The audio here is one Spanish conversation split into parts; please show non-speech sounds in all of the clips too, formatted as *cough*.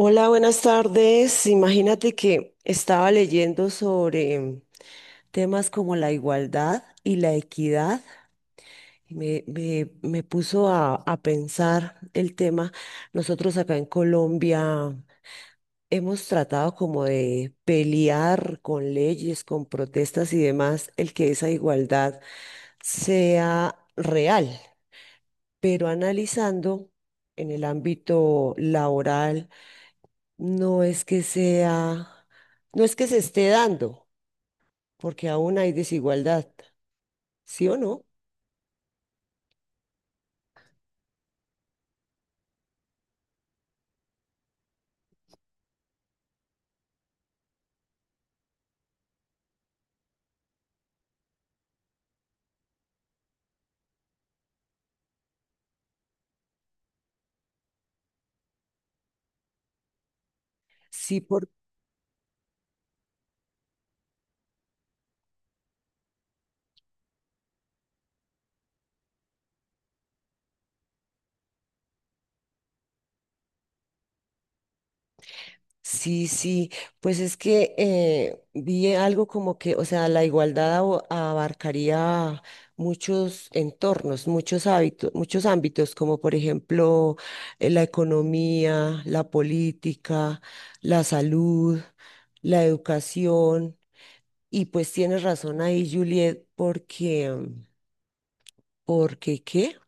Hola, buenas tardes. Imagínate que estaba leyendo sobre temas como la igualdad y la equidad. Me puso a pensar el tema. Nosotros acá en Colombia hemos tratado como de pelear con leyes, con protestas y demás, el que esa igualdad sea real. Pero analizando en el ámbito laboral, no es que sea, no es que se esté dando, porque aún hay desigualdad, ¿sí o no? Sí, por, sí, sí, pues es que vi algo como que, o sea, la igualdad abarcaría muchos entornos, muchos hábitos, muchos ámbitos, como por ejemplo la economía, la política, la salud, la educación, y pues tienes razón ahí, Juliet, porque ¿porque qué?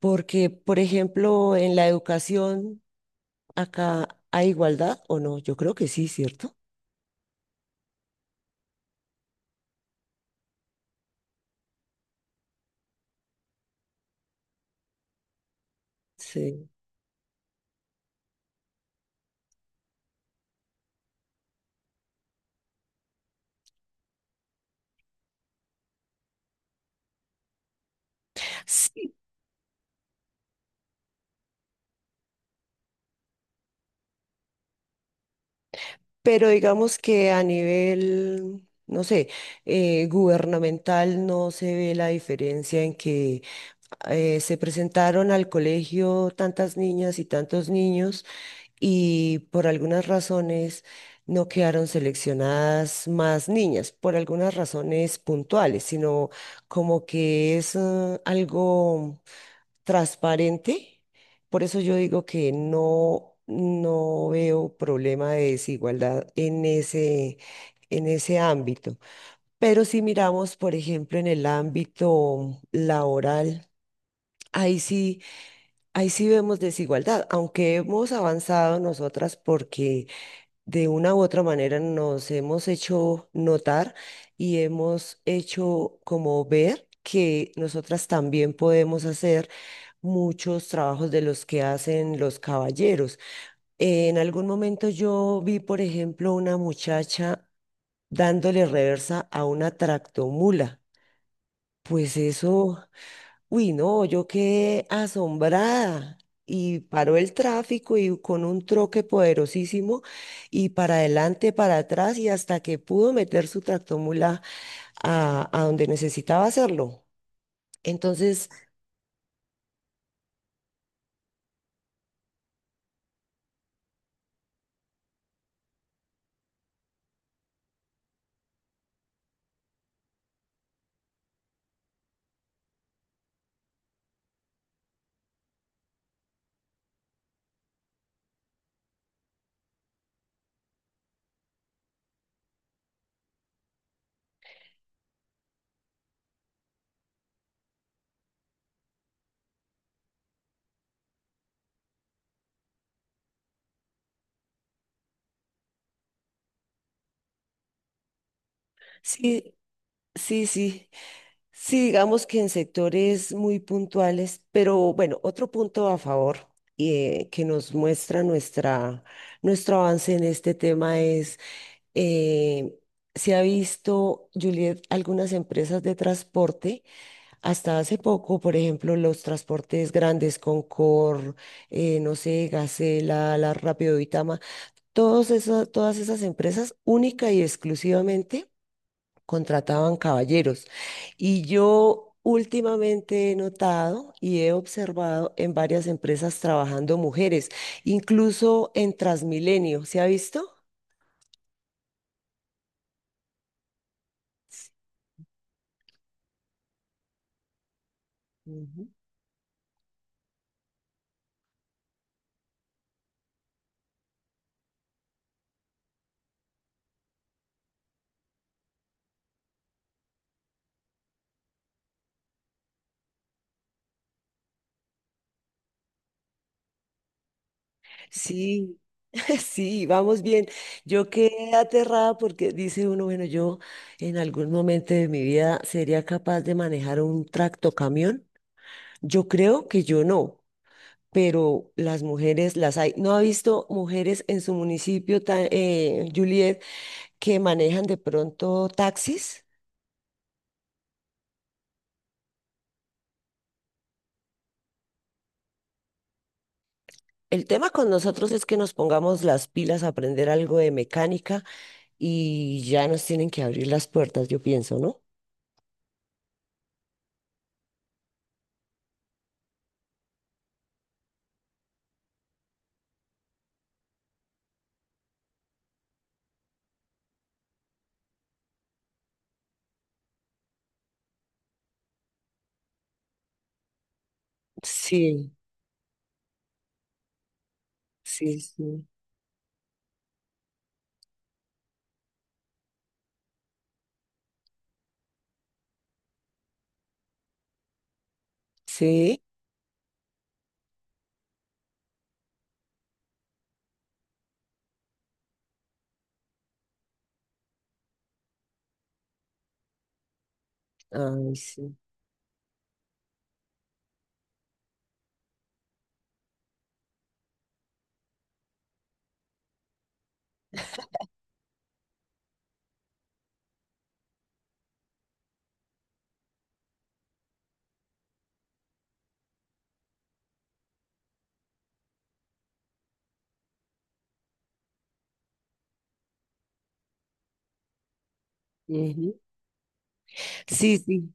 Porque, por ejemplo, en la educación acá hay igualdad o no. Yo creo que sí, ¿cierto? Sí. Sí, pero digamos que a nivel, no sé, gubernamental no se ve la diferencia en que se presentaron al colegio tantas niñas y tantos niños y por algunas razones no quedaron seleccionadas más niñas, por algunas razones puntuales, sino como que es algo transparente. Por eso yo digo que no, no veo problema de desigualdad en ese ámbito. Pero si miramos, por ejemplo, en el ámbito laboral, ahí sí, ahí sí vemos desigualdad, aunque hemos avanzado nosotras porque de una u otra manera nos hemos hecho notar y hemos hecho como ver que nosotras también podemos hacer muchos trabajos de los que hacen los caballeros. En algún momento yo vi, por ejemplo, una muchacha dándole reversa a una tractomula. Pues eso... Uy, no, yo quedé asombrada. Y paró el tráfico y con un troque poderosísimo y para adelante, para atrás y hasta que pudo meter su tractomula a donde necesitaba hacerlo. Entonces, sí, sí, sí, sí, digamos que en sectores muy puntuales, pero bueno, otro punto a favor que nos muestra nuestro avance en este tema eh, se ha visto, Juliet, algunas empresas de transporte, hasta hace poco, por ejemplo, los transportes grandes, Concor, no sé, Gacela, La Rápido Vitama, todas esas empresas única y exclusivamente contrataban caballeros. Y yo... Últimamente he notado y he observado en varias empresas trabajando mujeres, incluso en Transmilenio, ¿se ha visto? Ujú. Sí, *laughs* sí, vamos bien. Yo quedé aterrada porque dice uno, bueno, yo en algún momento de mi vida sería capaz de manejar un tractocamión. Yo creo que yo no, pero las mujeres las hay. ¿No ha visto mujeres en su municipio, Juliet, que manejan de pronto taxis? El tema con nosotros es que nos pongamos las pilas a aprender algo de mecánica y ya nos tienen que abrir las puertas, yo pienso, ¿no? Sí, sí, sí. Sí, ay, sí. Ujú. Sí, sí,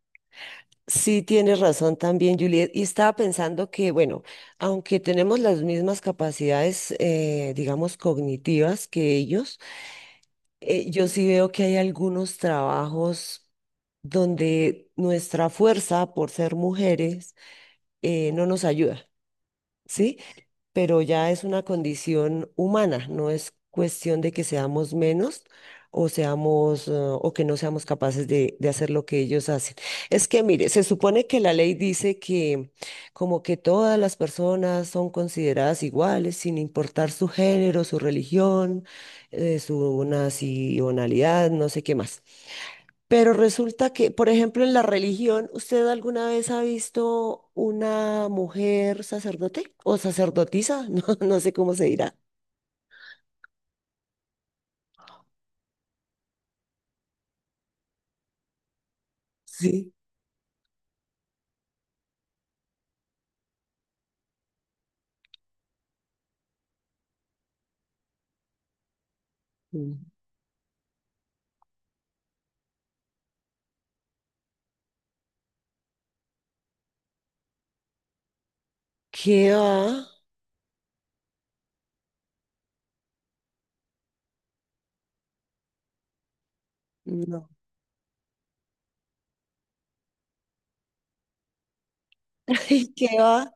sí, tienes razón también, Juliet. Y estaba pensando que, bueno, aunque tenemos las mismas capacidades, digamos, cognitivas que ellos, yo sí veo que hay algunos trabajos donde nuestra fuerza por ser mujeres no nos ayuda, ¿sí? Pero ya es una condición humana, no es cuestión de que seamos menos o seamos o que no seamos capaces de hacer lo que ellos hacen. Es que, mire, se supone que la ley dice que como que todas las personas son consideradas iguales, sin importar su género, su religión, su nacionalidad, no sé qué más. Pero resulta que, por ejemplo, en la religión, ¿usted alguna vez ha visto una mujer sacerdote o sacerdotisa? *laughs* No, no sé cómo se dirá. Sí. Mm. ¿Qué va? No, *laughs* ay, ¿qué va?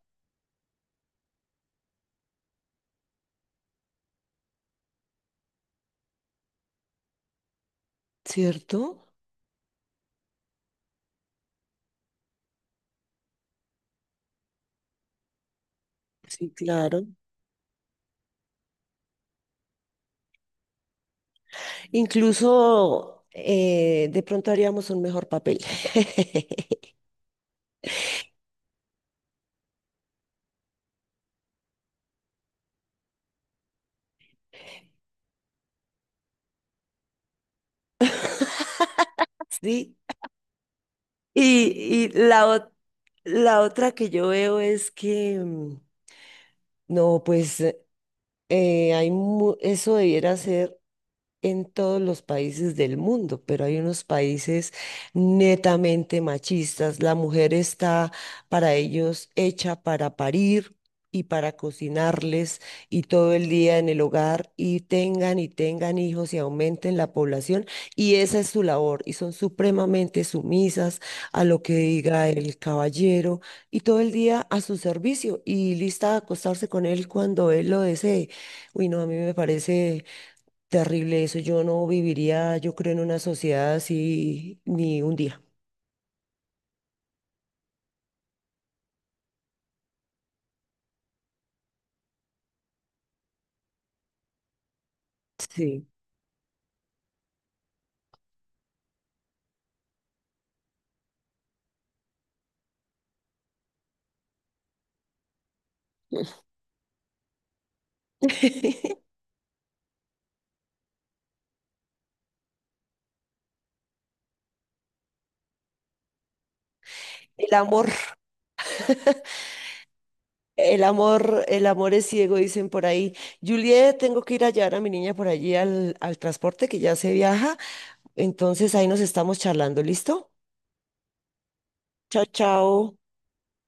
¿Cierto? Sí, claro. Incluso de pronto haríamos un mejor papel. *laughs* Sí. Y la otra que yo veo es que, no, pues eso debiera ser en todos los países del mundo, pero hay unos países netamente machistas. La mujer está para ellos hecha para parir y para cocinarles y todo el día en el hogar y tengan hijos y aumenten la población y esa es su labor y son supremamente sumisas a lo que diga el caballero y todo el día a su servicio y lista a acostarse con él cuando él lo desee. Uy, no, a mí me parece terrible eso, yo no viviría, yo creo, en una sociedad así ni un día. Sí. *laughs* El amor, el amor es ciego, dicen por ahí. Juliet, tengo que ir a llevar a mi niña por allí al, al transporte que ya se viaja. Entonces ahí nos estamos charlando, ¿listo? Chao, chao.